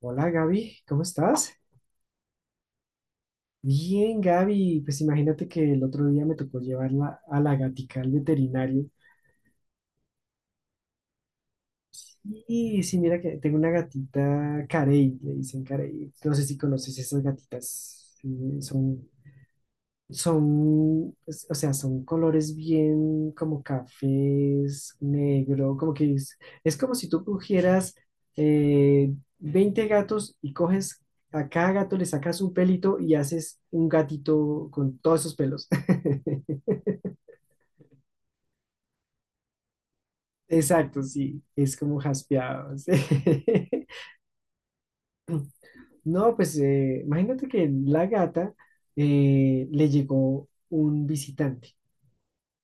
Hola Gaby, ¿cómo estás? Bien, Gaby, pues imagínate que el otro día me tocó llevarla a la gatica al veterinario. Y sí, mira que tengo una gatita Carey, le dicen Carey. No sé si conoces esas gatitas, sí, son. Son, son colores bien como cafés, negro, como que es como si tú cogieras eh, 20 gatos y coges a cada gato le sacas un pelito y haces un gatito con todos esos pelos. Exacto, sí, es como jaspeado, sí. No, pues imagínate que la gata le llegó un visitante.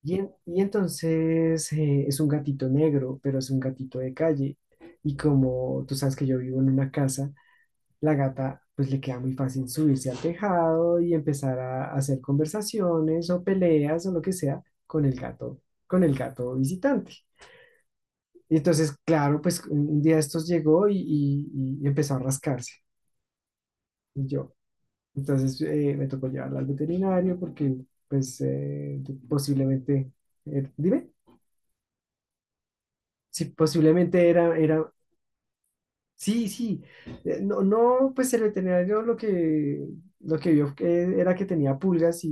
Y entonces es un gatito negro, pero es un gatito de calle. Y como tú sabes que yo vivo en una casa, la gata pues le queda muy fácil subirse al tejado y empezar a hacer conversaciones o peleas o lo que sea con el gato visitante. Y entonces, claro, pues un día estos llegó y empezó a rascarse. Y yo, entonces me tocó llevarla al veterinario porque pues posiblemente, dime. Sí, posiblemente era, sí, sí, no, no, pues el veterinario lo que vio que era que tenía pulgas, y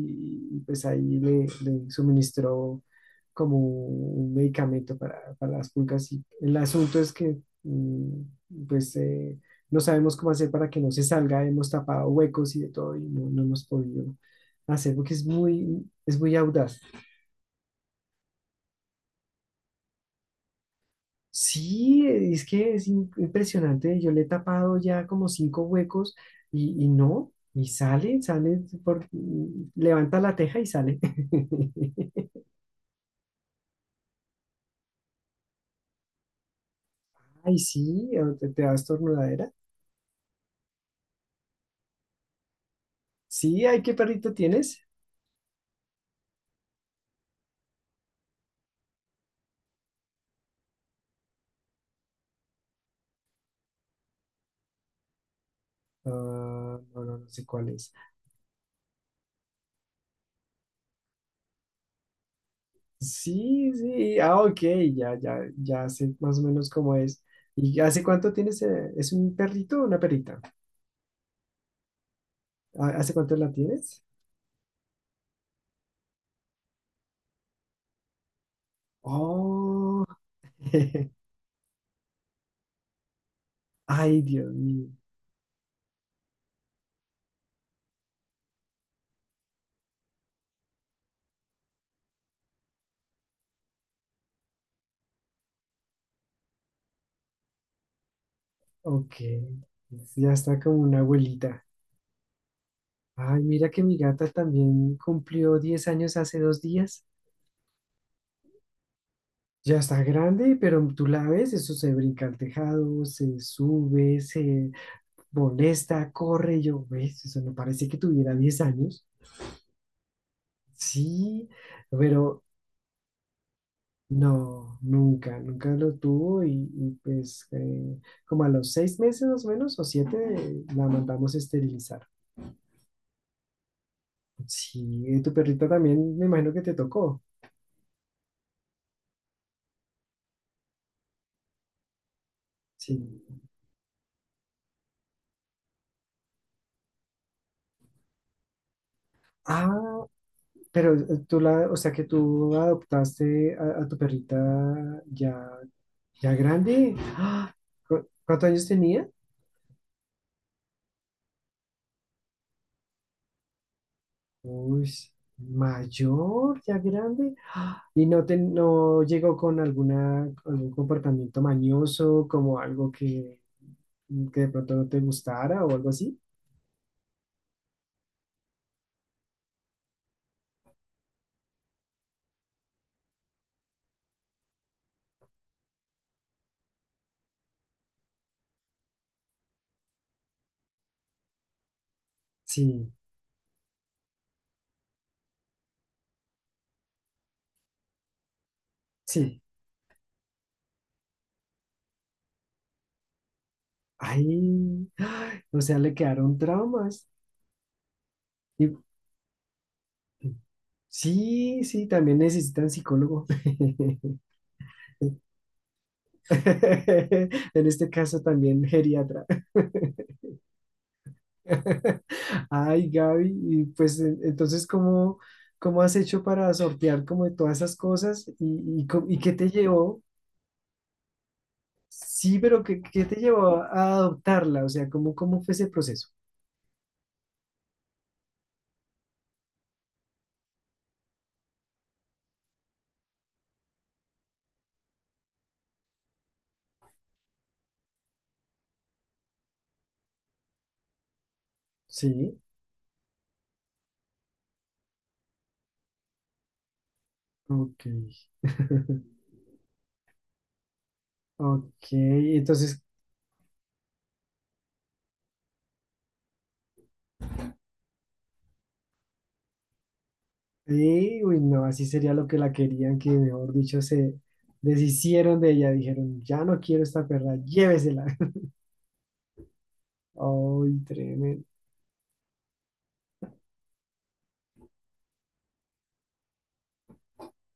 pues ahí le, le suministró como un medicamento para las pulgas. Y el asunto es que pues no sabemos cómo hacer para que no se salga, hemos tapado huecos y de todo, y no, no hemos podido hacer porque es muy audaz. Sí, es que es impresionante. Yo le he tapado ya como cinco huecos y no, y sale, por, levanta la teja y sale. Ay, sí, o te da estornudadera. Sí, ay, ¿qué perrito tienes? Ah, no, no, no sé cuál es. Sí, sí, ah, ok, ya, ya, ya sé más o menos cómo es. ¿Y hace cuánto tienes? ¿Es un perrito o una perrita? Ah, ¿hace cuánto la tienes? Oh, ay, Dios mío. Ok, ya está como una abuelita. Ay, mira que mi gata también cumplió 10 años hace 2 días. Ya está grande, pero tú la ves, eso se brinca al tejado, se sube, se molesta, corre. Y yo, ves, eso no parece que tuviera 10 años. Sí, pero no, nunca, nunca lo tuvo, y pues como a los 6 meses más o menos o 7 la mandamos a esterilizar. Sí, ¿tu perrita también, me imagino, que te tocó? Sí. Ah, pero tú la, o sea que tú adoptaste a tu perrita ya, ya grande. ¡Ah! Cuántos años tenía? Uy, mayor, ya grande. ¡Ah! Y no te, no llegó con alguna, algún comportamiento mañoso, como algo que de pronto no te gustara o algo así. Sí, sí. Ay, ¡ay! O sea, le quedaron traumas. Y- sí, sí, también necesitan psicólogo. En este caso también geriatra. Ay, Gaby, y pues entonces, ¿cómo, cómo has hecho para sortear como de todas esas cosas? Y, y, ¿y qué te llevó? Sí, pero ¿qué, qué te llevó a adoptarla? O sea, ¿cómo, cómo fue ese proceso? Sí, ok. Ok, entonces, uy, no, así sería lo que la querían, que mejor dicho, se deshicieron de ella, dijeron, ya no quiero esta perra, llévesela. Ay, tremendo.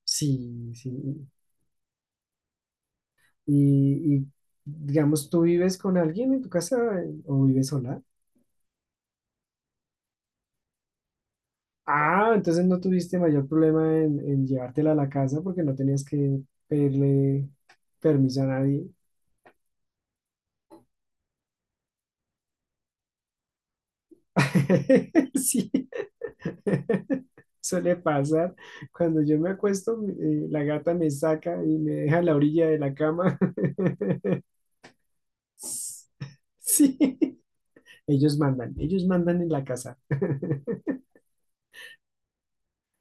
Sí, sí. Y, digamos, ¿tú vives con alguien en tu casa, o vives sola? Ah, entonces no tuviste mayor problema en llevártela a la casa, porque no tenías que pedirle permiso a nadie. Sí, suele pasar. Cuando yo me acuesto, la gata me saca y me deja a la orilla de la cama. Sí, ellos mandan en la casa.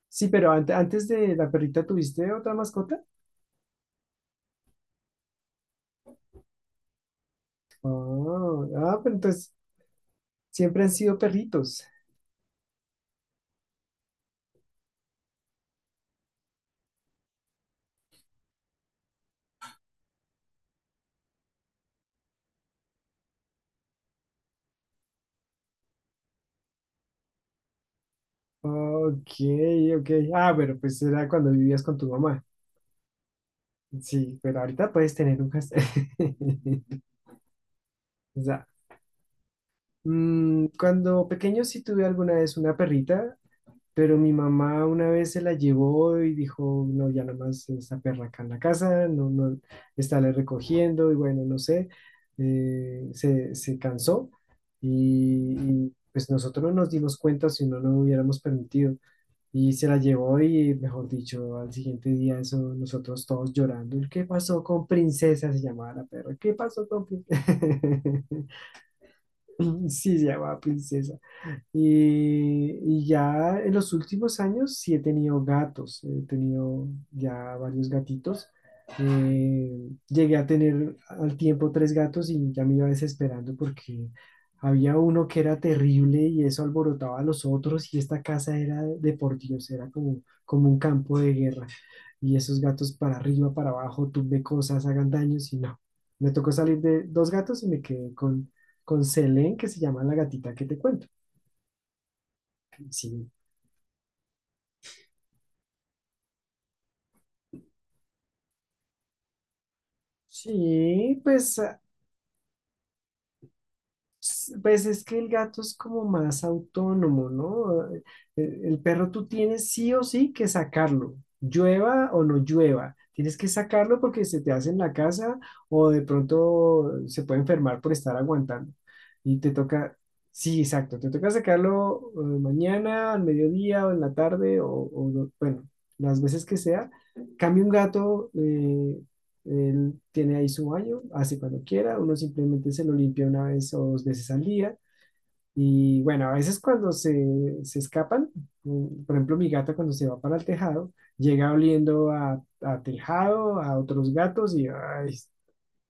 Sí, pero antes de la perrita, ¿tuviste otra mascota? Ah, ah, pero entonces siempre han sido perritos. Ok, ok. Ah, bueno, pues era cuando vivías con tu mamá. Sí, pero ahorita puedes tener un hashtag. O sea, cuando pequeño sí tuve alguna vez una perrita. Pero mi mamá una vez se la llevó y dijo, no, ya nada más esta perra acá en la casa, no, no, está le recogiendo y bueno, no sé, se, se cansó y, y, pues nosotros no nos dimos cuenta, si no, no lo hubiéramos permitido, y se la llevó. Y mejor dicho, al siguiente día eso nosotros todos llorando, ¿qué pasó con Princesa? Se llamaba la perra, ¿qué pasó con Princesa? Sí, se llamaba Princesa. Y ya en los últimos años sí he tenido gatos, he tenido ya varios gatitos. Llegué a tener al tiempo tres gatos y ya me iba desesperando porque había uno que era terrible y eso alborotaba a los otros, y esta casa era de por Dios, era como, como un campo de guerra. Y esos gatos para arriba, para abajo, tumbe cosas, hagan daños y no. Me tocó salir de dos gatos y me quedé con Selene, que se llama la gatita que te cuento. Sí, sí, pues, ah, pues es que el gato es como más autónomo, ¿no? El perro tú tienes sí o sí que sacarlo, llueva o no llueva. Tienes que sacarlo porque se te hace en la casa, o de pronto se puede enfermar por estar aguantando. Y te toca, sí, exacto, te toca sacarlo, mañana, al mediodía o en la tarde o, bueno, las veces que sea. Cambio un gato, él tiene ahí su baño, hace cuando quiera, uno simplemente se lo limpia una vez o dos veces al día. Y bueno, a veces cuando se escapan, por ejemplo, mi gata cuando se va para el tejado, llega oliendo a tejado, a otros gatos y ay,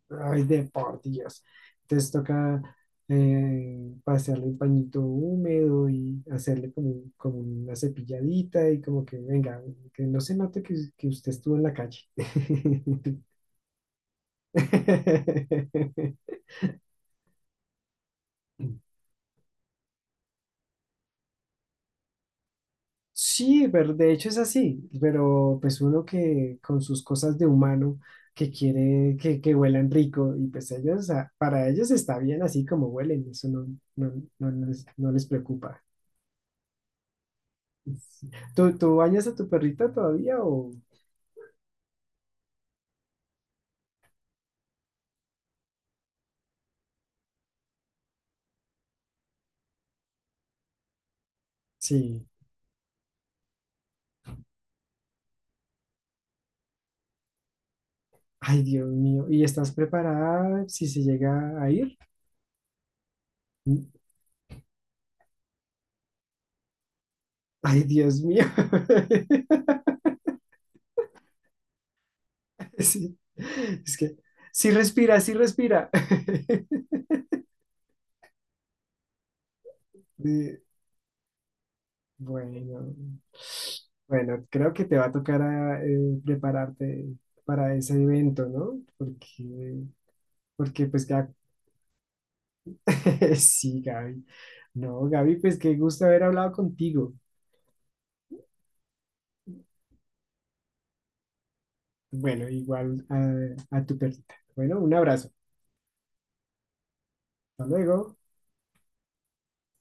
ay, de por Dios. Entonces toca pasearle un pañito húmedo y hacerle como como una cepilladita, y como que venga, que no se note que usted estuvo en la calle. Sí, pero de hecho es así, pero pues uno que con sus cosas de humano, que quiere que huelan rico, y pues ellos, ah, para ellos está bien así como huelen, eso no, no, no les, no les preocupa. ¿Tú, tú bañas a tu perrita todavía o...? Sí. Ay, Dios mío. ¿Y estás preparada si se llega a ir? Ay, Dios mío. Sí. Es que sí respira, sí respira. Bueno, bueno, creo que te va a tocar a, prepararte para ese evento, ¿no? Porque, porque pues ya, sí, Gaby. No, Gaby, pues qué gusto haber hablado contigo. Bueno, igual a tu perrita. Bueno, un abrazo. Hasta luego.